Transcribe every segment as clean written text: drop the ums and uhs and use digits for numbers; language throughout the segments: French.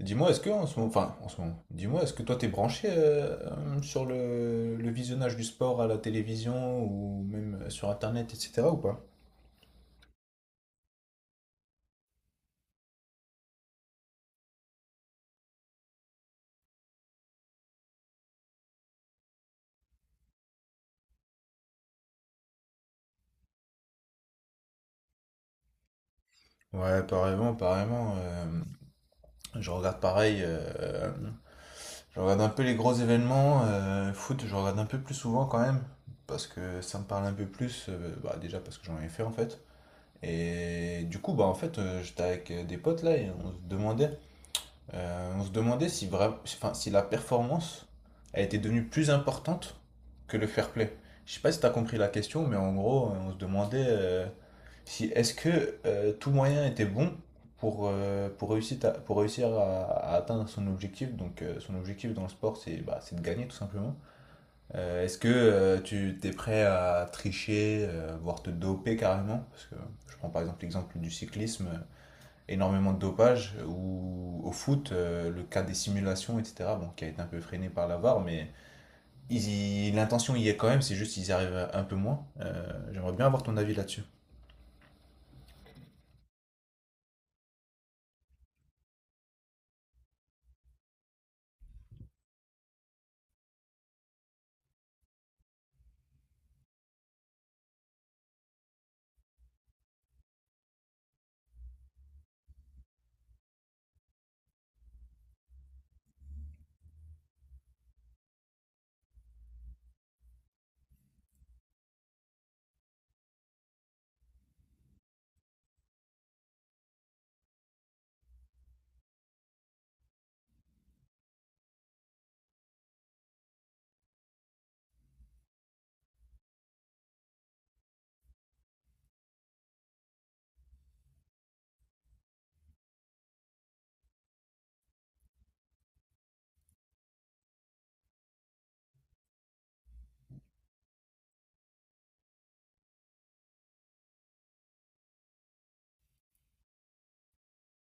Dis-moi, est-ce que en ce moment, enfin, en ce moment, dis-moi, est-ce que toi t'es branché sur le visionnage du sport à la télévision ou même sur Internet, etc. ou pas? Ouais, apparemment, apparemment, je regarde pareil, je regarde un peu les gros événements, foot, je regarde un peu plus souvent quand même, parce que ça me parle un peu plus, déjà parce que j'en ai fait en fait. Et du coup, bah en fait, j'étais avec des potes là et on se demandait si, enfin, si la performance a été devenue plus importante que le fair play. Je sais pas si tu as compris la question, mais en gros, on se demandait si est-ce que tout moyen était bon pour pour réussir à atteindre son objectif. Donc, son objectif dans le sport, c'est bah, c'est de gagner tout simplement. Est-ce que tu t'es prêt à tricher, voire te doper carrément? Parce que je prends par exemple l'exemple du cyclisme énormément de dopage, ou au foot, le cas des simulations, etc., bon, qui a été un peu freiné par la VAR, mais ils l'intention y est quand même, c'est juste qu'ils y arrivent un peu moins. J'aimerais bien avoir ton avis là-dessus.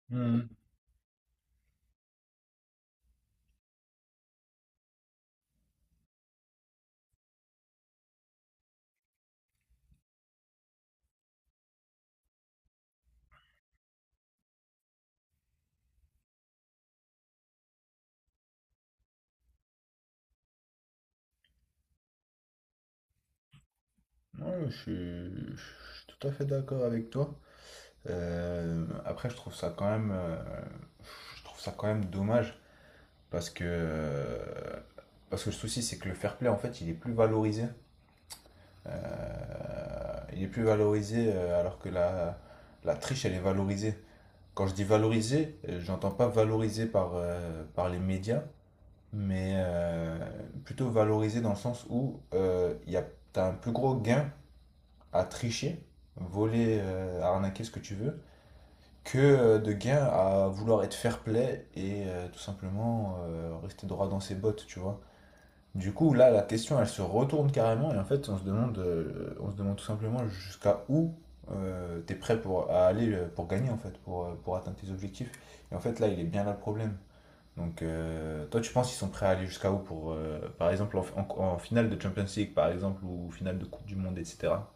Hmm. Ouais, je suis tout à fait d'accord avec toi. Après, je trouve ça quand même, je trouve ça quand même dommage parce que, euh, parce que le souci, c'est que le fair play, en fait, il est plus valorisé. Il est plus valorisé alors que la triche, elle est valorisée. Quand je dis valoriser, j'entends pas valoriser par, par les médias, mais plutôt valoriser dans le sens où t'as un plus gros gain à tricher, voler, arnaquer ce que tu veux, que de gain à vouloir être fair play et tout simplement rester droit dans ses bottes, tu vois. Du coup, là, la question, elle se retourne carrément et en fait, on se demande tout simplement jusqu'à où t'es prêt pour à aller pour gagner en fait, pour atteindre tes objectifs. Et en fait, là, il est bien là le problème. Donc, toi, tu penses qu'ils sont prêts à aller jusqu'à où pour, par exemple, en finale de Champions League, par exemple, ou finale de Coupe du Monde, etc.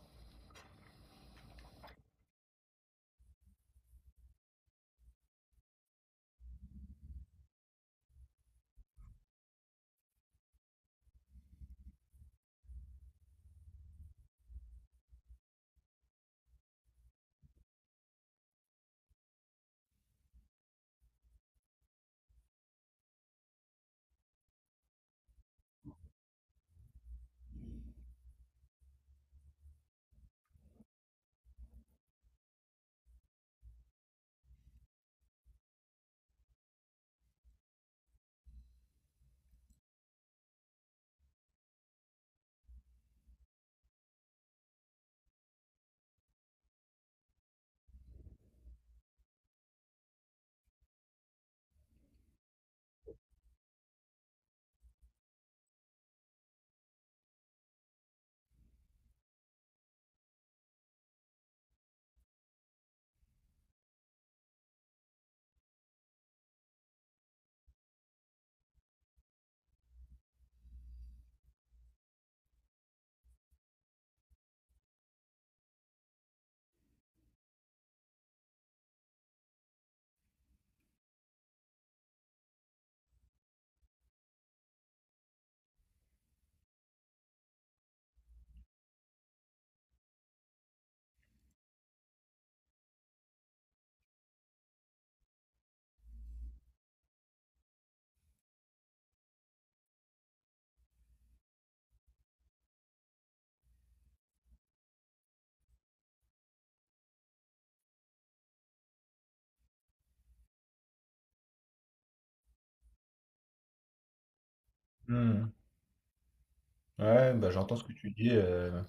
Hmm. Ouais, bah, j'entends ce que tu dis. Euh.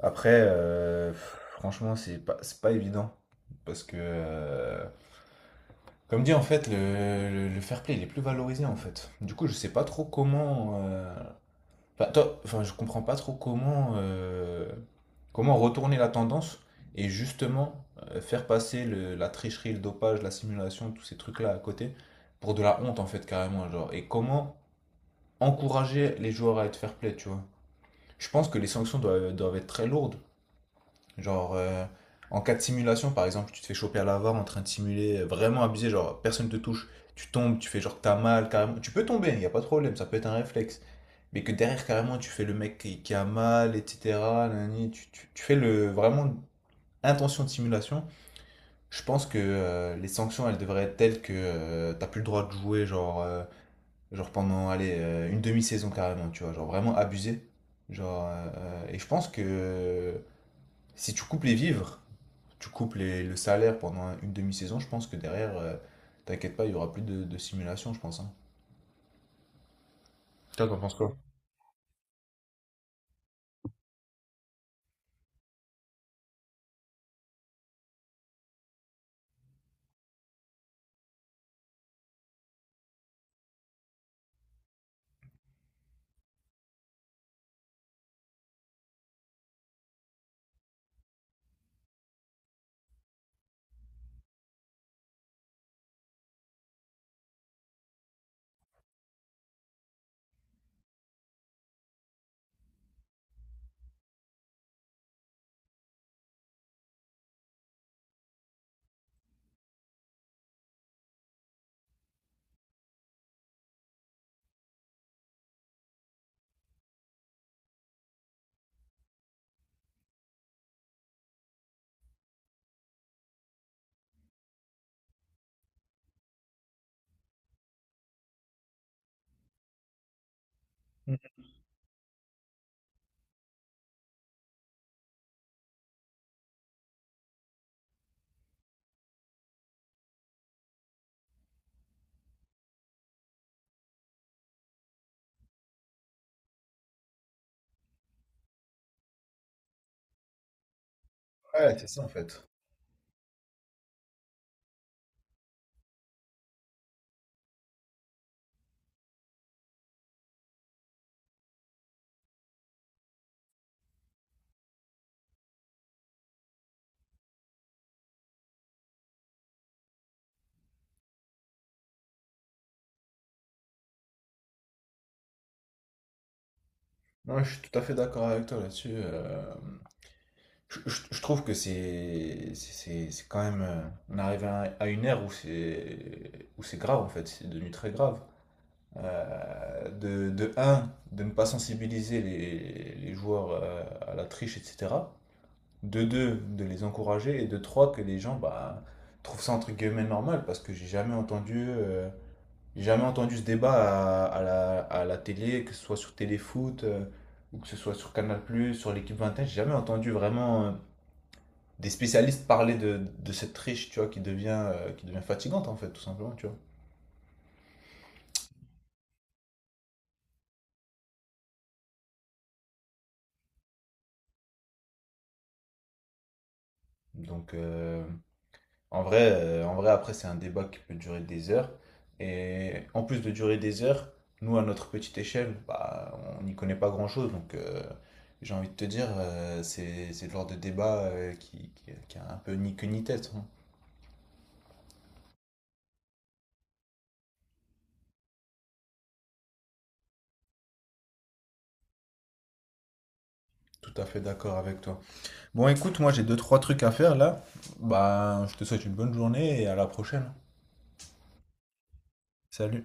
Après, franchement, c'est pas évident parce que comme dit en fait, le fair play il est plus valorisé en fait. Du coup, je sais pas trop comment. Euh, enfin, enfin, je comprends pas trop comment comment retourner la tendance et justement faire passer la tricherie, le dopage, la simulation, tous ces trucs-là à côté pour de la honte en fait carrément genre. Et comment encourager les joueurs à être fair play, tu vois. Je pense que les sanctions doivent être très lourdes. Genre, en cas de simulation, par exemple, tu te fais choper à l'avare en train de simuler, vraiment abusé, genre personne te touche, tu tombes, tu fais genre que t'as mal, carrément. Tu peux tomber, il n'y a pas de problème, ça peut être un réflexe. Mais que derrière, carrément, tu fais le mec qui a mal, etc. nanani, tu fais le, vraiment intention de simulation. Je pense que les sanctions, elles devraient être telles que t'as plus le droit de jouer, genre, genre pendant, allez, une demi-saison carrément, tu vois, genre vraiment abusé. Genre, et je pense que si tu coupes les vivres, tu coupes le salaire pendant une demi-saison, je pense que derrière, t'inquiète pas, il y aura plus de simulation, je pense. Hein. Toi, t'en penses quoi? Ouais, c'est ça en fait. Non, je suis tout à fait d'accord avec toi là-dessus. Euh, je trouve que c'est quand même. Euh, on arrive à une ère où c'est grave en fait, c'est devenu très grave. De un, de ne pas sensibiliser les joueurs à la triche, etc. De deux, de les encourager et de trois, que les gens bah, trouvent ça entre guillemets normal parce que j'ai jamais entendu ce débat à la télé, que ce soit sur Téléfoot ou que ce soit sur Canal+, sur l'équipe 21, j'ai jamais entendu vraiment des spécialistes parler de cette triche, tu vois, qui devient fatigante en fait, tout simplement, tu vois. Donc, en vrai, en vrai, après, c'est un débat qui peut durer des heures. Et en plus de durer des heures, nous, à notre petite échelle, bah, on n'y connaît pas grand-chose. Donc, j'ai envie de te dire, c'est le genre de débat qui a un peu ni queue ni tête. Hein. Tout à fait d'accord avec toi. Bon, écoute, moi, j'ai deux, trois trucs à faire là. Bah, je te souhaite une bonne journée et à la prochaine. Salut.